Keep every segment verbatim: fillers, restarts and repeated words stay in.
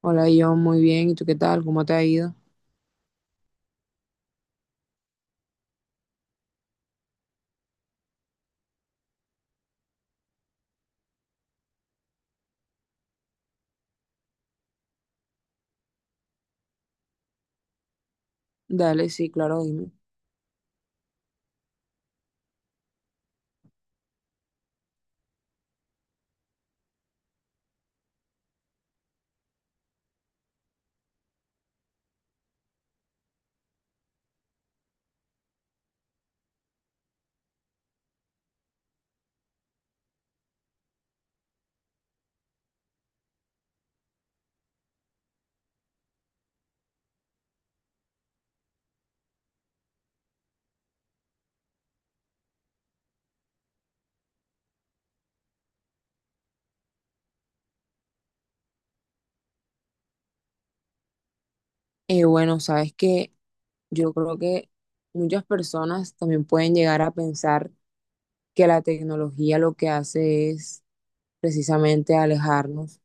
Hola, yo muy bien. ¿Y tú qué tal? ¿Cómo te ha ido? Dale, sí, claro, dime. Eh, bueno, sabes que yo creo que muchas personas también pueden llegar a pensar que la tecnología lo que hace es precisamente alejarnos,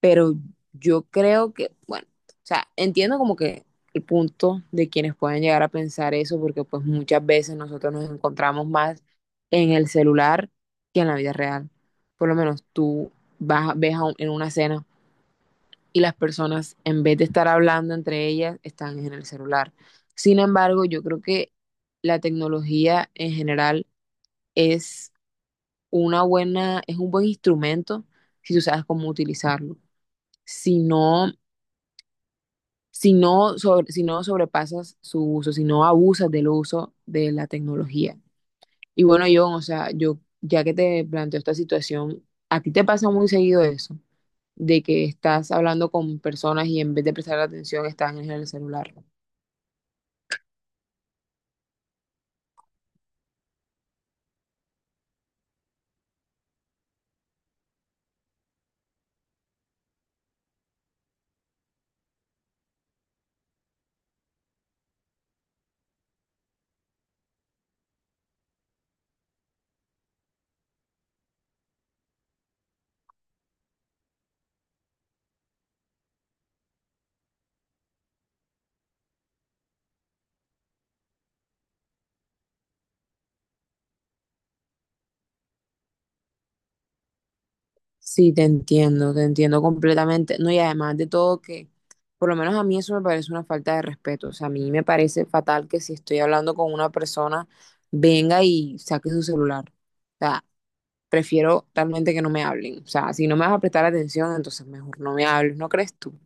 pero yo creo que, bueno, o sea, entiendo como que el punto de quienes pueden llegar a pensar eso, porque pues muchas veces nosotros nos encontramos más en el celular que en la vida real. Por lo menos tú vas, ves a un- en una cena y las personas, en vez de estar hablando entre ellas, están en el celular. Sin embargo, yo creo que la tecnología en general es una buena, es un buen instrumento si tú sabes cómo utilizarlo. Si no, si no, sobre, si no sobrepasas su uso, si no abusas del uso de la tecnología. Y bueno, yo, o sea, yo, ya que te planteo esta situación, ¿a ti te pasa muy seguido eso de que estás hablando con personas y en vez de prestar atención están en el celular? Sí, te entiendo, te entiendo completamente. No, y además de todo que, por lo menos a mí eso me parece una falta de respeto. O sea, a mí me parece fatal que si estoy hablando con una persona, venga y saque su celular. O sea, prefiero realmente que no me hablen. O sea, si no me vas a prestar atención, entonces mejor no me hables, ¿no crees tú?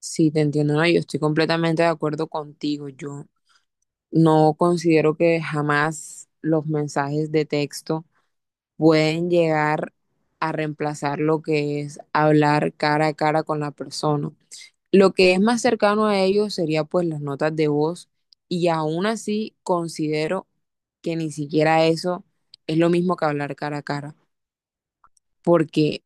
Sí, te entiendo, no, yo estoy completamente de acuerdo contigo. Yo no considero que jamás los mensajes de texto pueden llegar a reemplazar lo que es hablar cara a cara con la persona. Lo que es más cercano a ellos sería pues las notas de voz y aún así considero que ni siquiera eso es lo mismo que hablar cara a cara, porque,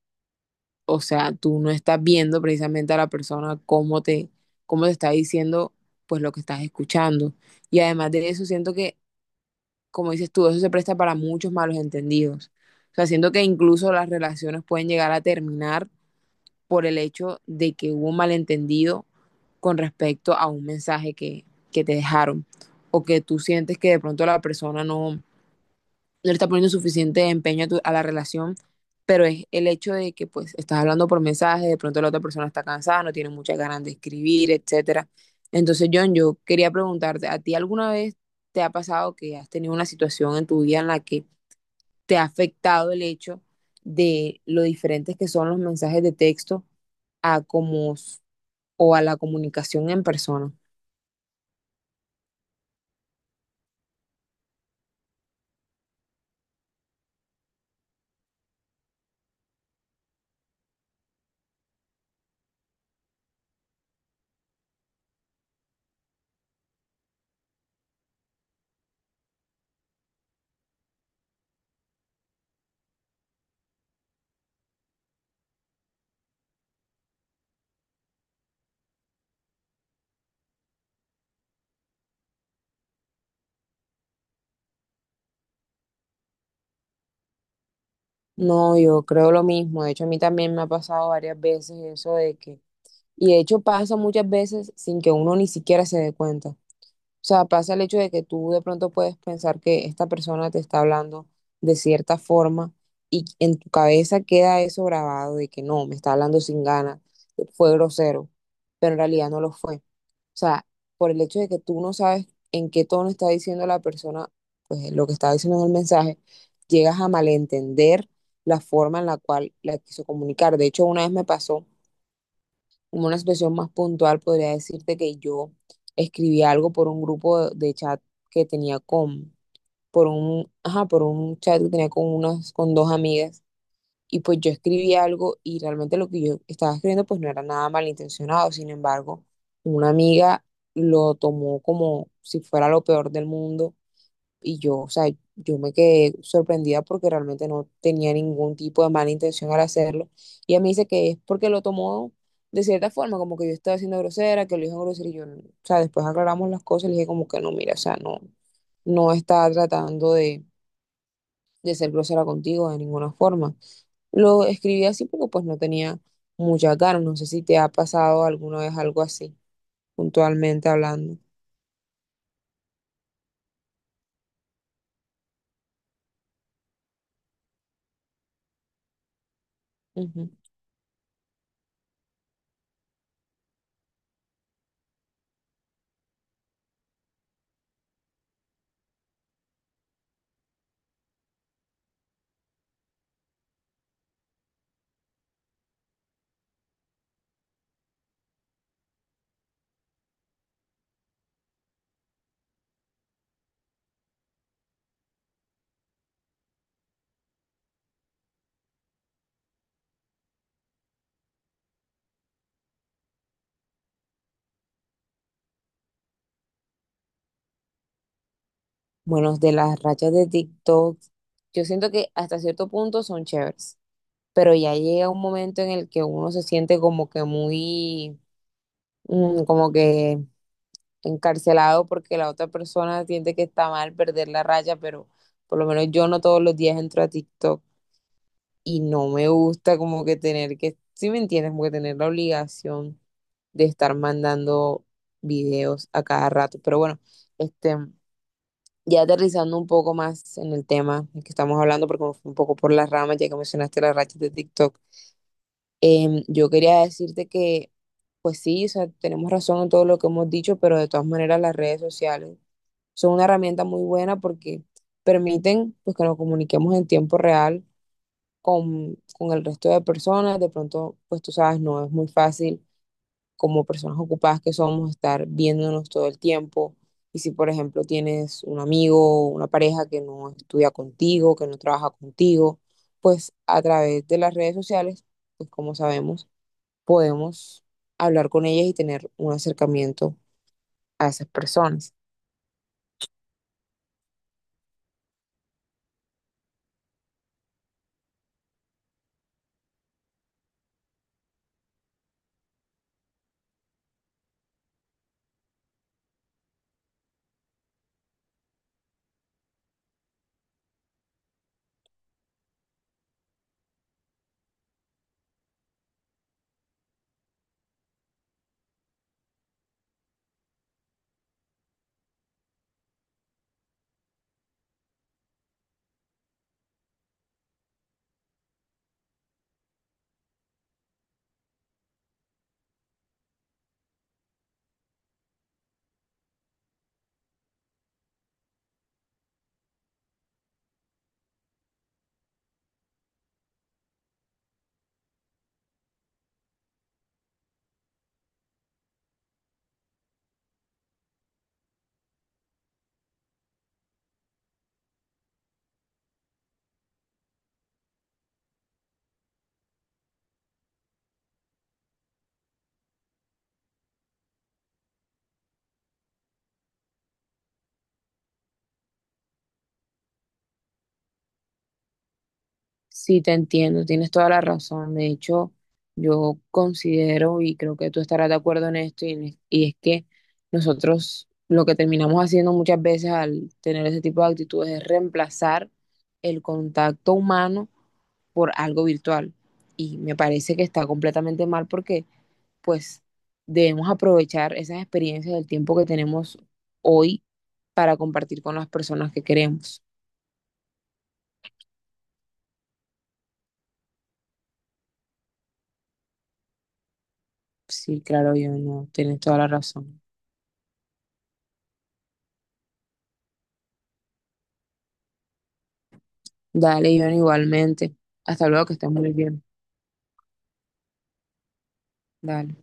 o sea, tú no estás viendo precisamente a la persona cómo te, cómo te está diciendo pues lo que estás escuchando. Y además de eso, siento que como dices tú, eso se presta para muchos malos entendidos. O sea, siento que incluso las relaciones pueden llegar a terminar por el hecho de que hubo un malentendido con respecto a un mensaje que, que te dejaron o que tú sientes que de pronto la persona no, no le estás poniendo suficiente empeño a, tu- a la relación, pero es el hecho de que pues estás hablando por mensaje, de pronto la otra persona está cansada, no tiene muchas ganas de escribir, etcétera. Entonces, John, yo quería preguntarte, ¿a ti alguna vez te ha pasado que has tenido una situación en tu vida en la que te ha afectado el hecho de lo diferentes que son los mensajes de texto a como s- o a la comunicación en persona? No, yo creo lo mismo. De hecho, a mí también me ha pasado varias veces eso de que. Y de hecho pasa muchas veces sin que uno ni siquiera se dé cuenta. O sea, pasa el hecho de que tú de pronto puedes pensar que esta persona te está hablando de cierta forma y en tu cabeza queda eso grabado de que no, me está hablando sin ganas, fue grosero, pero en realidad no lo fue. O sea, por el hecho de que tú no sabes en qué tono está diciendo la persona, pues lo que está diciendo en el mensaje, llegas a malentender la forma en la cual la quiso comunicar. De hecho, una vez me pasó como una situación más puntual, podría decirte que yo escribí algo por un grupo de chat que tenía con, por un, ajá, por un chat que tenía con unas, con dos amigas, y pues yo escribí algo y realmente lo que yo estaba escribiendo pues no era nada malintencionado, sin embargo, una amiga lo tomó como si fuera lo peor del mundo y yo, o sea, yo me quedé sorprendida porque realmente no tenía ningún tipo de mala intención al hacerlo. Y ella me dice que es porque lo tomó de cierta forma, como que yo estaba siendo grosera, que lo dijo grosero. Y yo, o sea, después aclaramos las cosas y le dije como que no, mira, o sea, no, no estaba tratando de, de ser grosera contigo de ninguna forma. Lo escribí así porque pues no tenía muchas ganas. No sé si te ha pasado alguna vez algo así, puntualmente hablando. Bueno, de las rachas de TikTok, yo siento que hasta cierto punto son chéveres, pero ya llega un momento en el que uno se siente como que muy, mm, como que encarcelado porque la otra persona siente que está mal perder la raya, pero por lo menos yo no todos los días entro a TikTok y no me gusta como que tener que, si me entiendes, como que tener la obligación de estar mandando videos a cada rato. Pero bueno, este... Ya aterrizando un poco más en el tema del que estamos hablando, porque me fui un poco por las ramas, ya que mencionaste las rachas de TikTok, em, yo quería decirte que, pues sí, o sea, tenemos razón en todo lo que hemos dicho, pero de todas maneras las redes sociales son una herramienta muy buena porque permiten pues, que nos comuniquemos en tiempo real con, con el resto de personas. De pronto, pues tú sabes, no es muy fácil como personas ocupadas que somos, estar viéndonos todo el tiempo. Y si, por ejemplo, tienes un amigo o una pareja que no estudia contigo, que no trabaja contigo, pues a través de las redes sociales, pues como sabemos, podemos hablar con ellas y tener un acercamiento a esas personas. Sí, te entiendo, tienes toda la razón. De hecho, yo considero y creo que tú estarás de acuerdo en esto y, en- y es que nosotros lo que terminamos haciendo muchas veces al tener ese tipo de actitudes es reemplazar el contacto humano por algo virtual. Y me parece que está completamente mal porque pues debemos aprovechar esas experiencias del tiempo que tenemos hoy para compartir con las personas que queremos. Sí, claro, yo no, tienes toda la razón. Dale, Iván, igualmente. Hasta luego, que estés muy bien. Dale.